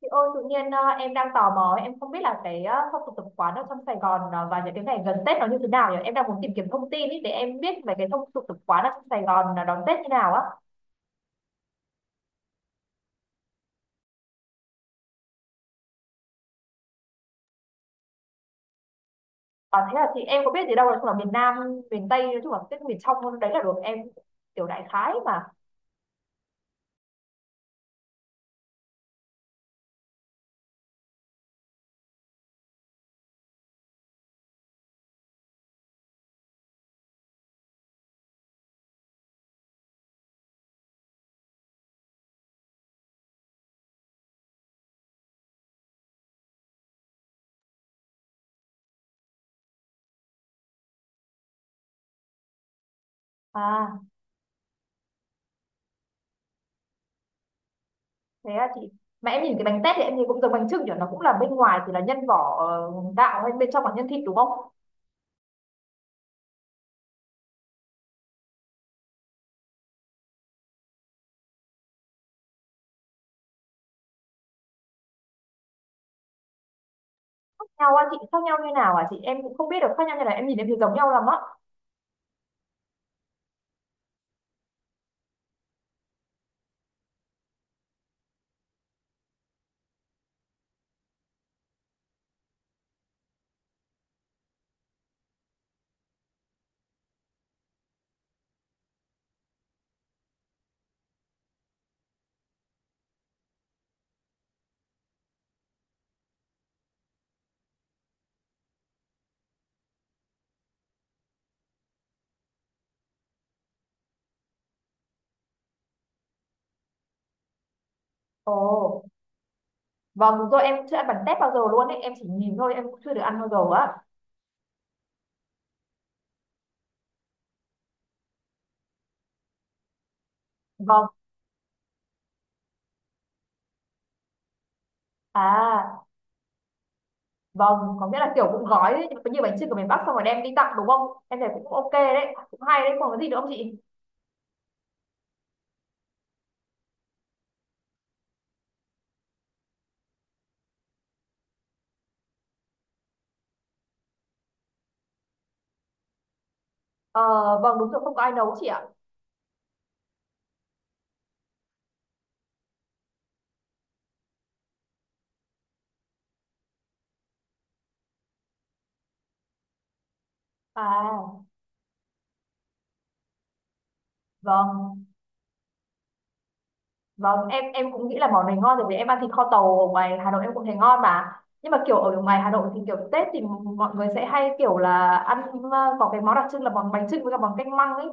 Chị ơi, tự nhiên em đang tò mò, ấy, em không biết là cái phong tục tập quán ở trong Sài Gòn và những cái ngày gần Tết nó như thế nào nhỉ? Em đang muốn tìm kiếm thông tin ý, để em biết về cái phong tục tập quán ở trong Sài Gòn là đón Tết như nào á. À, thế là chị em có biết gì đâu, nói chung là miền Nam, miền Tây, nói chung là Tết miền trong đấy là được em kiểu đại khái mà. À, thế là chị, mà em nhìn cái bánh tét thì em nhìn cũng giống bánh chưng nhỉ, nó cũng là bên ngoài thì là nhân vỏ gạo hay bên trong là nhân thịt đúng không? Khác nhau á chị, khác nhau như nào à chị, em cũng không biết được khác nhau như nào, em nhìn em thấy giống nhau lắm á. Ồ. Vâng, đúng rồi, em cũng chưa ăn bánh tét bao giờ luôn ấy. Em chỉ nhìn thôi, em cũng chưa được ăn bao giờ á. Vâng. À, vâng, có nghĩa là kiểu cũng gói đấy, như bánh chưng của miền Bắc xong rồi đem đi tặng đúng không? Em thấy cũng ok đấy, cũng hay đấy, còn cái gì nữa không chị? Ờ, vâng, đúng rồi, không có ai nấu chị ạ. À, vâng. Vâng, em cũng nghĩ là món này ngon rồi, vì em ăn thịt kho tàu ở ngoài Hà Nội em cũng thấy ngon mà. Nhưng mà kiểu ở ngoài Hà Nội thì kiểu Tết thì mọi người sẽ hay kiểu là ăn có cái món đặc trưng là món bánh chưng với cả món canh măng ấy.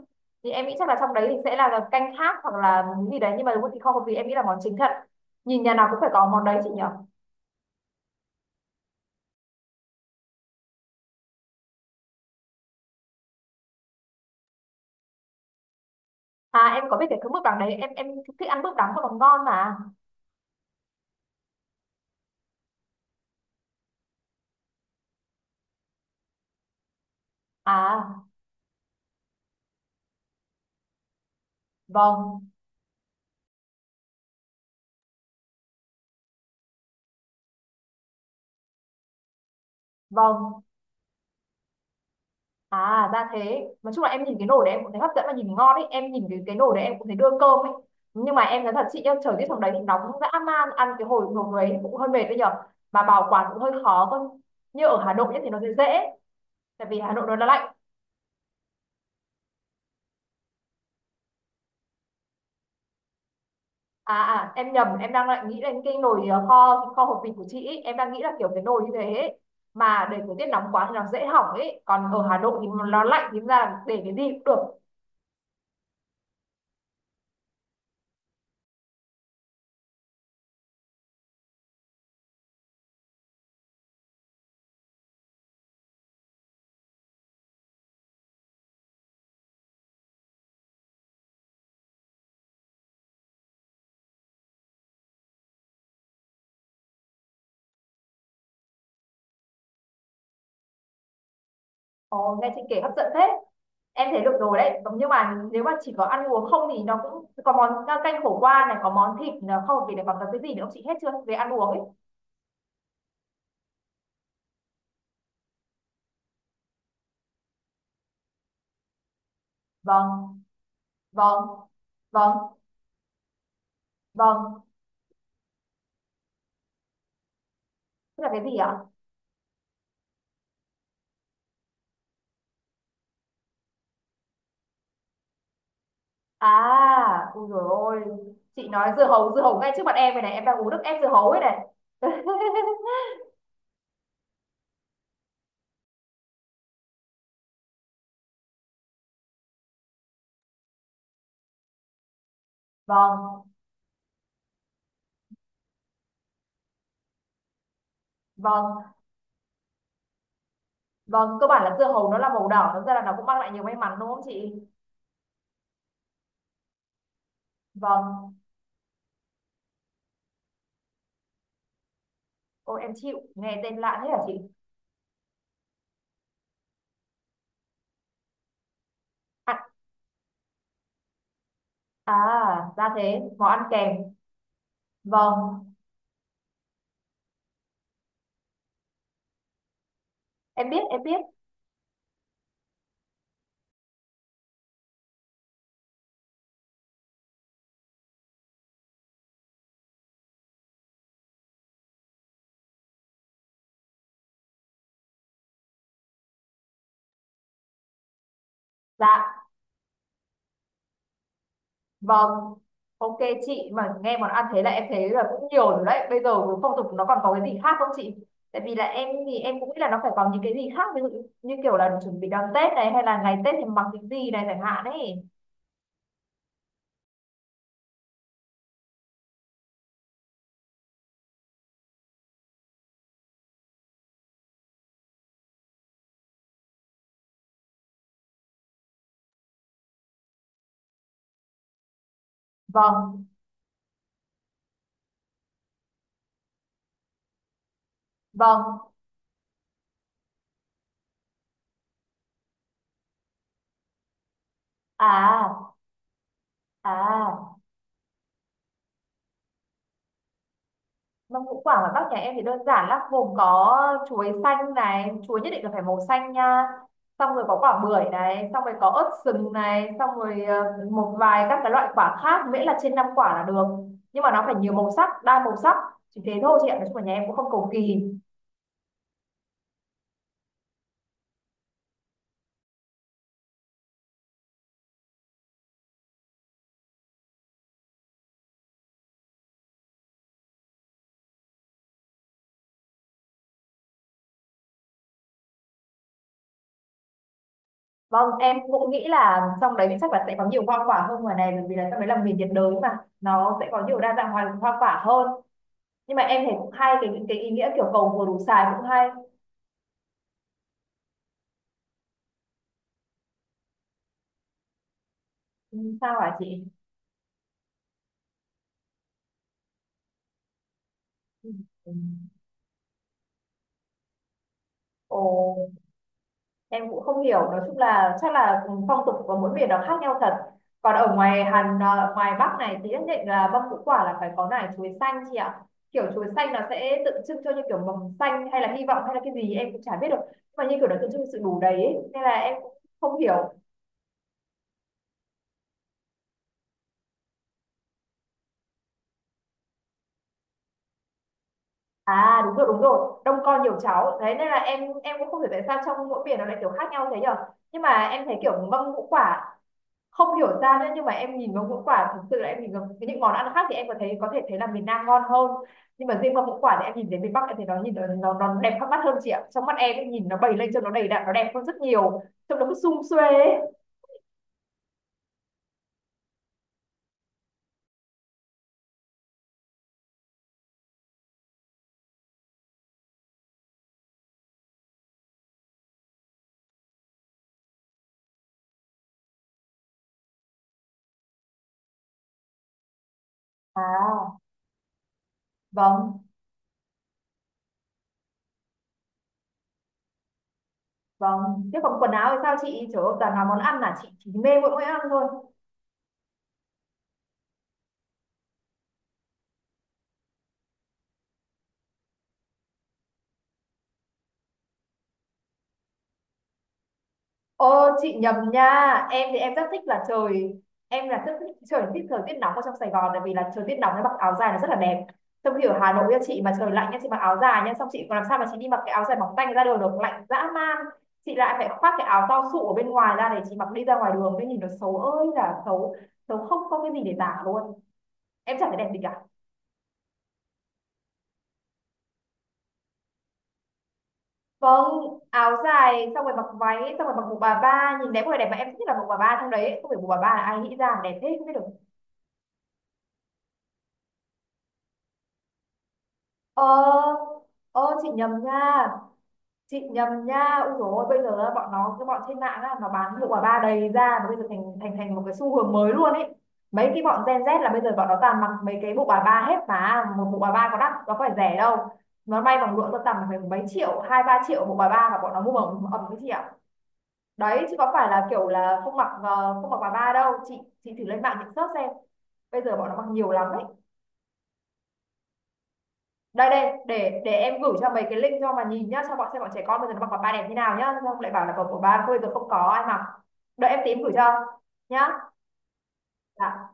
Thì em nghĩ chắc là trong đấy thì sẽ là canh khác hoặc là cái gì đấy, nhưng mà đúng thịt kho vì em nghĩ là món chính thật. Nhìn nhà nào cũng phải có món đấy chị nhỉ. À, em có biết cái thứ mực đắng đấy, em thích ăn mực đắng và món ngon mà. À, vâng, vâng. À ra thế. Nói chung là em nhìn cái nồi đấy em cũng thấy hấp dẫn và nhìn ngon ấy. Em nhìn cái nồi đấy em cũng thấy đưa cơm ấy. Nhưng mà em nói thật chị nhá. Trời tiết trong đấy thì nóng dã man. Ăn cái hồi nồi đấy cũng hơi mệt đấy nhở. Mà bảo quản cũng hơi khó cơ. Như ở Hà Nội nhất thì nó sẽ dễ. Tại vì Hà Nội nó lạnh. À, à, em nhầm, em đang lại nghĩ đến cái nồi kho kho hộp vịt của chị ấy. Em đang nghĩ là kiểu cái nồi như thế ấy. Mà để thời tiết nóng quá thì nó dễ hỏng ấy. Còn ở Hà Nội thì nó lạnh thì ra là để cái gì cũng được. Ồ, nghe chị kể hấp dẫn thế. Em thấy được rồi đấy. Vâng. Nhưng mà nếu mà chỉ có ăn uống không thì nó cũng có món canh khổ qua này, có món thịt này, không vì này, còn có cái gì nữa không chị, hết chưa? Về ăn uống ấy. Vâng, vâng, vâng, vâng. Tức là cái gì ạ? À, ui dồi ôi. Chị nói dưa hấu ngay trước mặt em này này. Em đang uống nước ép dưa hấu ấy này. Vâng, vâng, vâng. Cơ bản là dưa hấu nó là màu đỏ, thật ra là nó cũng mang lại nhiều may mắn đúng không chị? Vâng. Ôi em chịu, nghe tên lạ thế hả chị? À, à, ra thế, món ăn kèm. Vâng, em biết, em biết. Dạ, vâng. Ok chị, mà nghe món ăn thế là em thấy là cũng nhiều rồi đấy. Bây giờ phong tục nó còn có cái gì khác không chị? Tại vì là em thì em cũng nghĩ là nó phải có những cái gì khác, ví dụ như kiểu là chuẩn bị đón Tết này hay là ngày Tết thì mặc cái gì này chẳng hạn ấy. Vâng, vâng. À, à. Mâm ngũ quả ngoài Bắc nhà em thì đơn giản lắm, gồm có chuối xanh này, chuối nhất định là phải màu xanh nha. Xong rồi có quả bưởi này, xong rồi có ớt sừng này, xong rồi một vài các cái loại quả khác, miễn là trên 5 quả là được. Nhưng mà nó phải nhiều màu sắc, đa màu sắc. Chỉ thế thôi chị ạ, nói chung là nhà em cũng không cầu kỳ. Vâng, em cũng nghĩ là trong đấy chắc là sẽ có nhiều hoa quả hơn ngoài này, bởi vì là trong đấy là miền nhiệt đới mà, nó sẽ có nhiều đa dạng hoa quả hơn. Nhưng mà em thấy cũng hay cái ý nghĩa kiểu cầu vừa đủ xài cũng hay. Ừ, sao hả chị? Ừ. Ồ, em cũng không hiểu, nói chung là chắc là phong tục của mỗi miền nó khác nhau thật. Còn ở ngoài Hàn à, ngoài Bắc này thì nhất định là mâm ngũ quả là phải có nải chuối xanh chị ạ. Kiểu chuối xanh nó sẽ tượng trưng cho như kiểu mầm xanh hay là hy vọng hay là cái gì em cũng chả biết được, nhưng mà như kiểu nó tượng trưng cho sự đủ đầy ấy. Nên là em cũng không hiểu. À, đúng rồi, đúng rồi, đông con nhiều cháu đấy, nên là em cũng không hiểu tại sao trong mỗi miền nó lại kiểu khác nhau thế nhở. Nhưng mà em thấy kiểu mâm ngũ quả không hiểu ra nữa, nhưng mà em nhìn vào ngũ quả thực sự là em nhìn vào những món ăn khác thì em có thể thấy là miền Nam ngon hơn. Nhưng mà riêng vào ngũ quả thì em nhìn đến miền Bắc em thấy nó nhìn nó đẹp khác mắt hơn chị ạ, trong mắt em ấy, nhìn nó bày lên cho nó đầy đặn nó đẹp hơn rất nhiều. Trông nó cứ sum suê ấy. À, vâng, vâng, thế còn quần áo thì sao chị, trời ơi toàn là món ăn là chị chỉ mê mỗi món ăn thôi. Ô chị nhầm nha. Em thì em rất thích là trời. Em là rất thích trời, thích thời tiết nóng ở trong Sài Gòn. Tại vì là trời tiết nóng em mặc áo dài là rất là đẹp. Trong khi ở Hà Nội nha chị mà trời lạnh nha. Chị mặc áo dài nha. Xong chị còn làm sao mà chị đi mặc cái áo dài mỏng tanh ra đường được. Lạnh dã man. Chị lại phải khoác cái áo to sụ ở bên ngoài ra. Để chị mặc đi ra ngoài đường. Thế nhìn nó xấu ơi là xấu. Xấu không không cái gì để tả luôn. Em chẳng thấy đẹp gì cả. Vâng, áo dài xong rồi mặc váy. Xong rồi mặc bộ bà ba. Nhìn đẹp, có vẻ đẹp mà em thích nhất là bộ bà ba trong đấy. Không phải bộ bà ba là ai nghĩ ra mà đẹp thế không biết được. ờ Ơ chị nhầm nha, chị nhầm nha, ui dồi ôi, bây giờ là bọn nó cái bọn trên mạng á nó bán hiệu quả ba đầy ra mà bây giờ thành thành thành một cái xu hướng mới luôn ấy. Mấy cái bọn Gen Z là bây giờ bọn nó toàn mặc mấy cái bộ bà ba hết mà một bộ bà ba có đắt nó có phải rẻ đâu. Nó may bằng lụa tơ tằm phải mấy triệu hai ba triệu bộ bà ba mà bọn nó mua ẩm ẩm cái gì ạ. Đấy chứ có phải là kiểu là không mặc không mặc bà ba đâu chị thử lên mạng chị search xem. Bây giờ bọn nó mặc nhiều lắm đấy. Đây đây, để em gửi cho mấy cái link cho mà nhìn nhá, cho bọn xem bọn trẻ con bây giờ nó mặc vào ba đẹp như nào nhá, không lại bảo là của ba cô giờ không có ai mặc. Đợi em tím gửi cho nhá. Dạ.